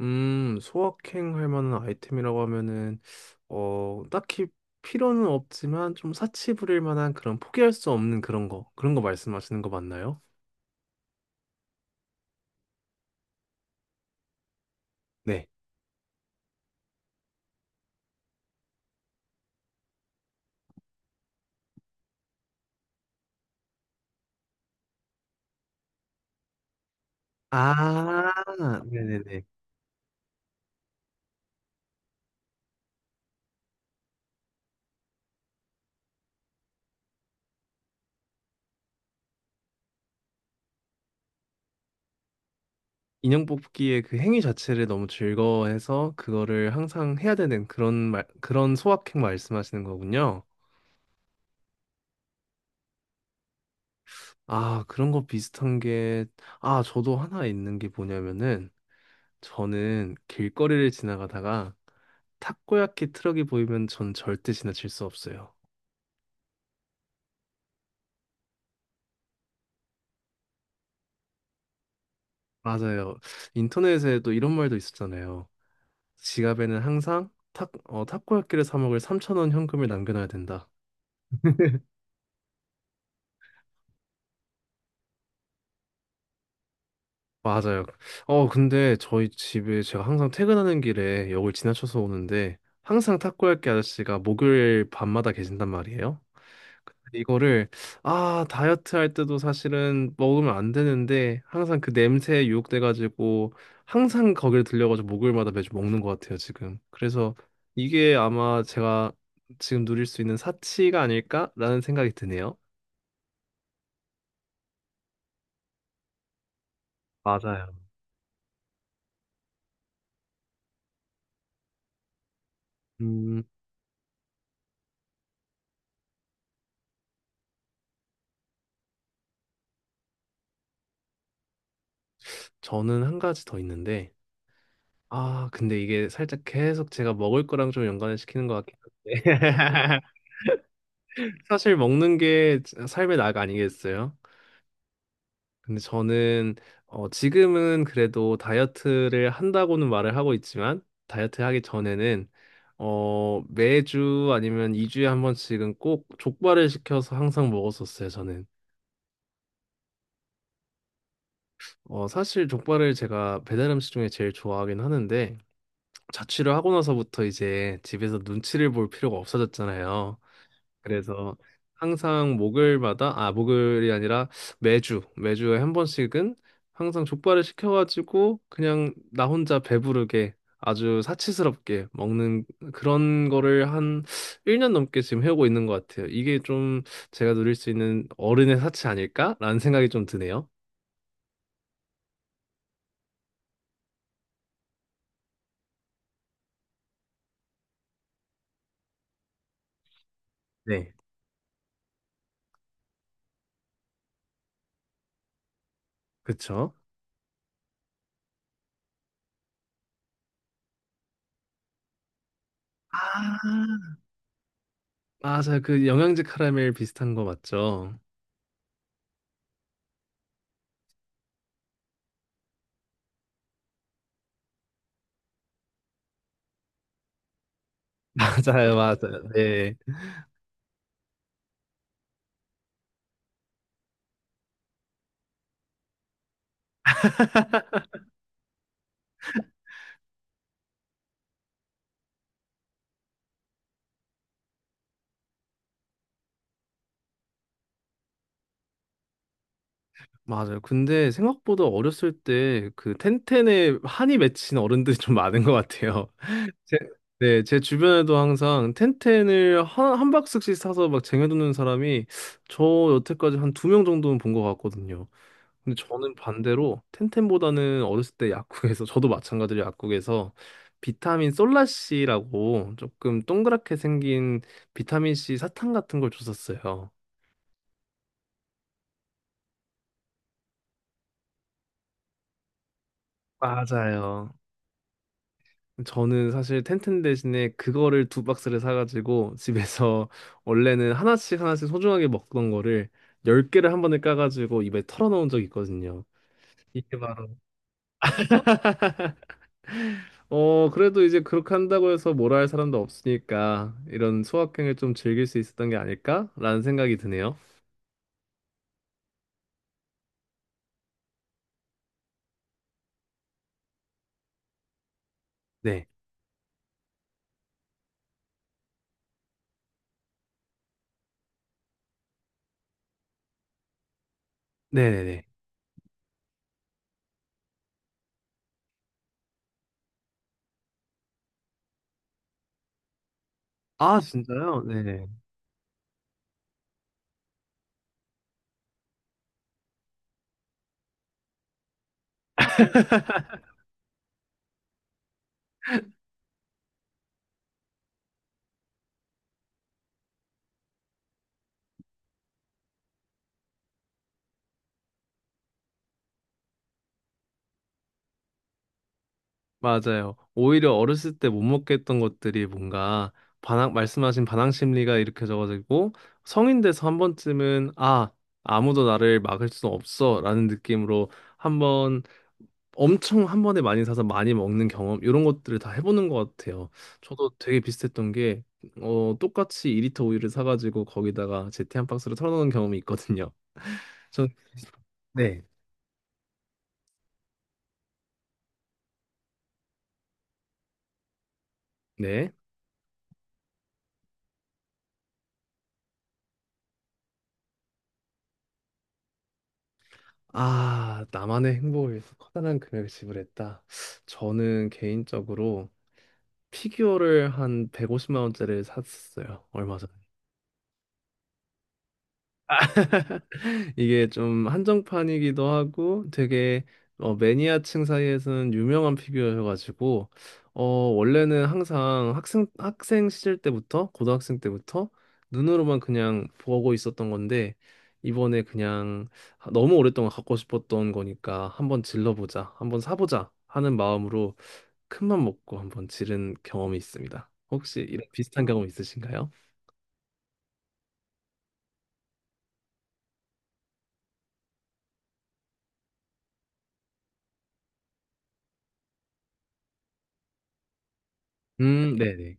소확행할 만한 아이템이라고 하면은 딱히 필요는 없지만 좀 사치 부릴 만한 그런 포기할 수 없는 그런 거. 그런 거 말씀하시는 거 맞나요? 네. 아, 네네네. 인형 뽑기의 그 행위 자체를 너무 즐거워해서 그거를 항상 해야 되는 그런 소확행 말씀하시는 거군요. 아, 그런 거 비슷한 게, 저도 하나 있는 게 뭐냐면은 저는 길거리를 지나가다가 타코야키 트럭이 보이면 전 절대 지나칠 수 없어요. 맞아요. 인터넷에도 이런 말도 있었잖아요. 지갑에는 항상 타코야키를 사 먹을 3,000원 현금을 남겨놔야 된다. 맞아요. 근데 저희 집에 제가 항상 퇴근하는 길에 역을 지나쳐서 오는데 항상 탁구할게 아저씨가 목요일 밤마다 계신단 말이에요. 근데 이거를 다이어트 할 때도 사실은 먹으면 안 되는데 항상 그 냄새에 유혹돼 가지고 항상 거기를 들려 가지고 목요일마다 매주 먹는 것 같아요, 지금. 그래서 이게 아마 제가 지금 누릴 수 있는 사치가 아닐까라는 생각이 드네요. 맞아요. 음, 저는 한 가지 더 있는데 근데 이게 살짝 계속 제가 먹을 거랑 좀 연관을 시키는 것 같긴 한데. 사실 먹는 게 삶의 낙 아니겠어요? 근데 저는 지금은 그래도 다이어트를 한다고는 말을 하고 있지만 다이어트 하기 전에는 매주 아니면 2주에 한 번씩은 꼭 족발을 시켜서 항상 먹었었어요, 저는. 사실 족발을 제가 배달 음식 중에 제일 좋아하긴 하는데 자취를 하고 나서부터 이제 집에서 눈치를 볼 필요가 없어졌잖아요. 그래서 항상 목요일마다, 아, 목요일이 아니라 매주에 한 번씩은 항상 족발을 시켜가지고 그냥 나 혼자 배부르게 아주 사치스럽게 먹는 그런 거를 한 1년 넘게 지금 해오고 있는 것 같아요. 이게 좀 제가 누릴 수 있는 어른의 사치 아닐까라는 생각이 좀 드네요. 네. 그쵸? 아, 맞아요. 그 영양제 카라멜 비슷한 거 맞죠? 맞아요, 맞아요. 네. 맞아요. 근데 생각보다 어렸을 때 그 텐텐에 한이 맺힌 어른들이 좀 많은 것 같아요. 제, 네, 제 주변에도 항상 텐텐을 한 박스씩 사서 막 쟁여두는 사람이 저 여태까지 한 2명 정도는 본 것 같거든요. 근데 저는 반대로 텐텐보다는 어렸을 때 약국에서 저도 마찬가지로 약국에서 비타민 솔라씨라고 조금 동그랗게 생긴 비타민 C 사탕 같은 걸 줬었어요. 맞아요. 저는 사실 텐텐 대신에 그거를 두 박스를 사가지고 집에서 원래는 하나씩 하나씩 소중하게 먹던 거를 열 개를 한 번에 까가지고 입에 털어넣은 적이 있거든요. 이게 바로 그래도 이제 그렇게 한다고 해서 뭐라 할 사람도 없으니까 이런 소확행을 좀 즐길 수 있었던 게 아닐까라는 생각이 드네요. 네, 네네네. 아 진짜요? 네네. 맞아요. 오히려 어렸을 때 못 먹겠던 것들이 뭔가 말씀하신 반항 심리가 일으켜져가지고 성인 돼서 한 번쯤은 아, 아무도 나를 막을 수 없어 라는 느낌으로 한번 엄청 한 번에 많이 사서 많이 먹는 경험 이런 것들을 다 해보는 것 같아요. 저도 되게 비슷했던 게 똑같이 2리터 우유를 사가지고 거기다가 제티 한 박스를 털어놓은 경험이 있거든요. 전 네. 네. 아, 나만의 행복을 위해서 커다란 금액을 지불했다. 저는 개인적으로 피규어를 한 150만 원짜리를 샀어요. 얼마 전에. 이게 좀 한정판이기도 하고 되게 매니아층 사이에서는 유명한 피규어여가지고 원래는 항상 학생 시절 때부터 고등학생 때부터 눈으로만 그냥 보고 있었던 건데 이번에 그냥 너무 오랫동안 갖고 싶었던 거니까 한번 질러보자, 한번 사보자 하는 마음으로 큰 맘 먹고 한번 지른 경험이 있습니다. 혹시 이런 비슷한 경험 있으신가요? 네네.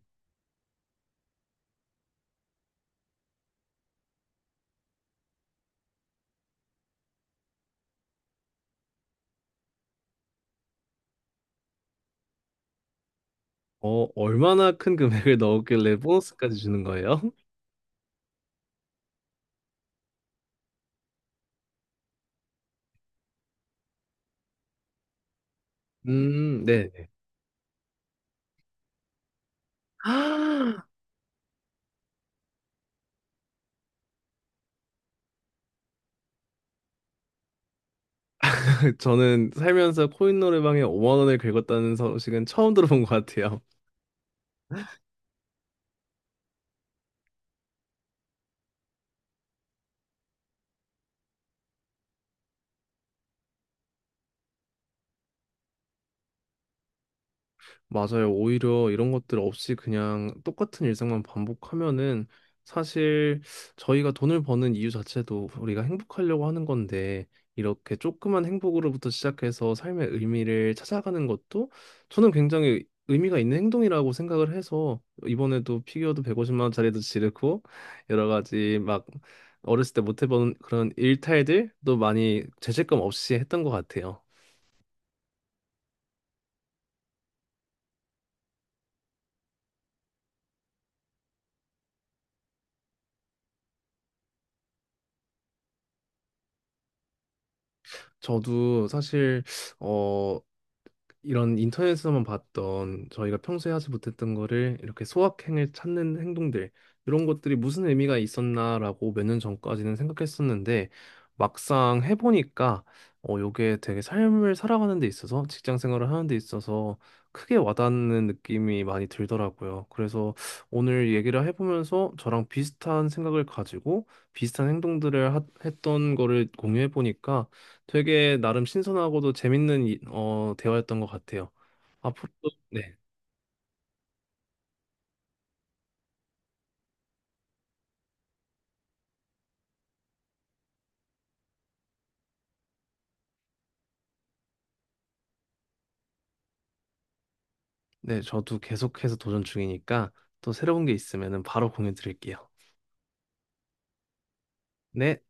얼마나 큰 금액을 넣었길래 보너스까지 주는 거예요? 네. 저는 살면서 코인 노래방에 5만 원을 긁었다는 소식은 처음 들어본 것 같아요. 맞아요. 오히려 이런 것들 없이 그냥 똑같은 일상만 반복하면은 사실 저희가 돈을 버는 이유 자체도 우리가 행복하려고 하는 건데 이렇게 조그만 행복으로부터 시작해서 삶의 의미를 찾아가는 것도 저는 굉장히 의미가 있는 행동이라고 생각을 해서 이번에도 피규어도 150만 원짜리도 지르고 여러 가지 막 어렸을 때 못 해본 그런 일탈들도 많이 죄책감 없이 했던 것 같아요. 저도 사실 어 이런 인터넷에서만 봤던 저희가 평소에 하지 못했던 거를 이렇게 소확행을 찾는 행동들 이런 것들이 무슨 의미가 있었나라고 몇 년 전까지는 생각했었는데 막상 해보니까 요게 되게 삶을 살아가는 데 있어서 직장 생활을 하는 데 있어서 크게 와닿는 느낌이 많이 들더라고요. 그래서 오늘 얘기를 해보면서 저랑 비슷한 생각을 가지고 비슷한 행동들을 했던 거를 공유해 보니까 되게 나름 신선하고도 재밌는 대화였던 것 같아요. 앞으로도 네, 네, 저도 계속해서 도전 중이니까 또 새로운 게 있으면은 바로 공유 드릴게요. 네.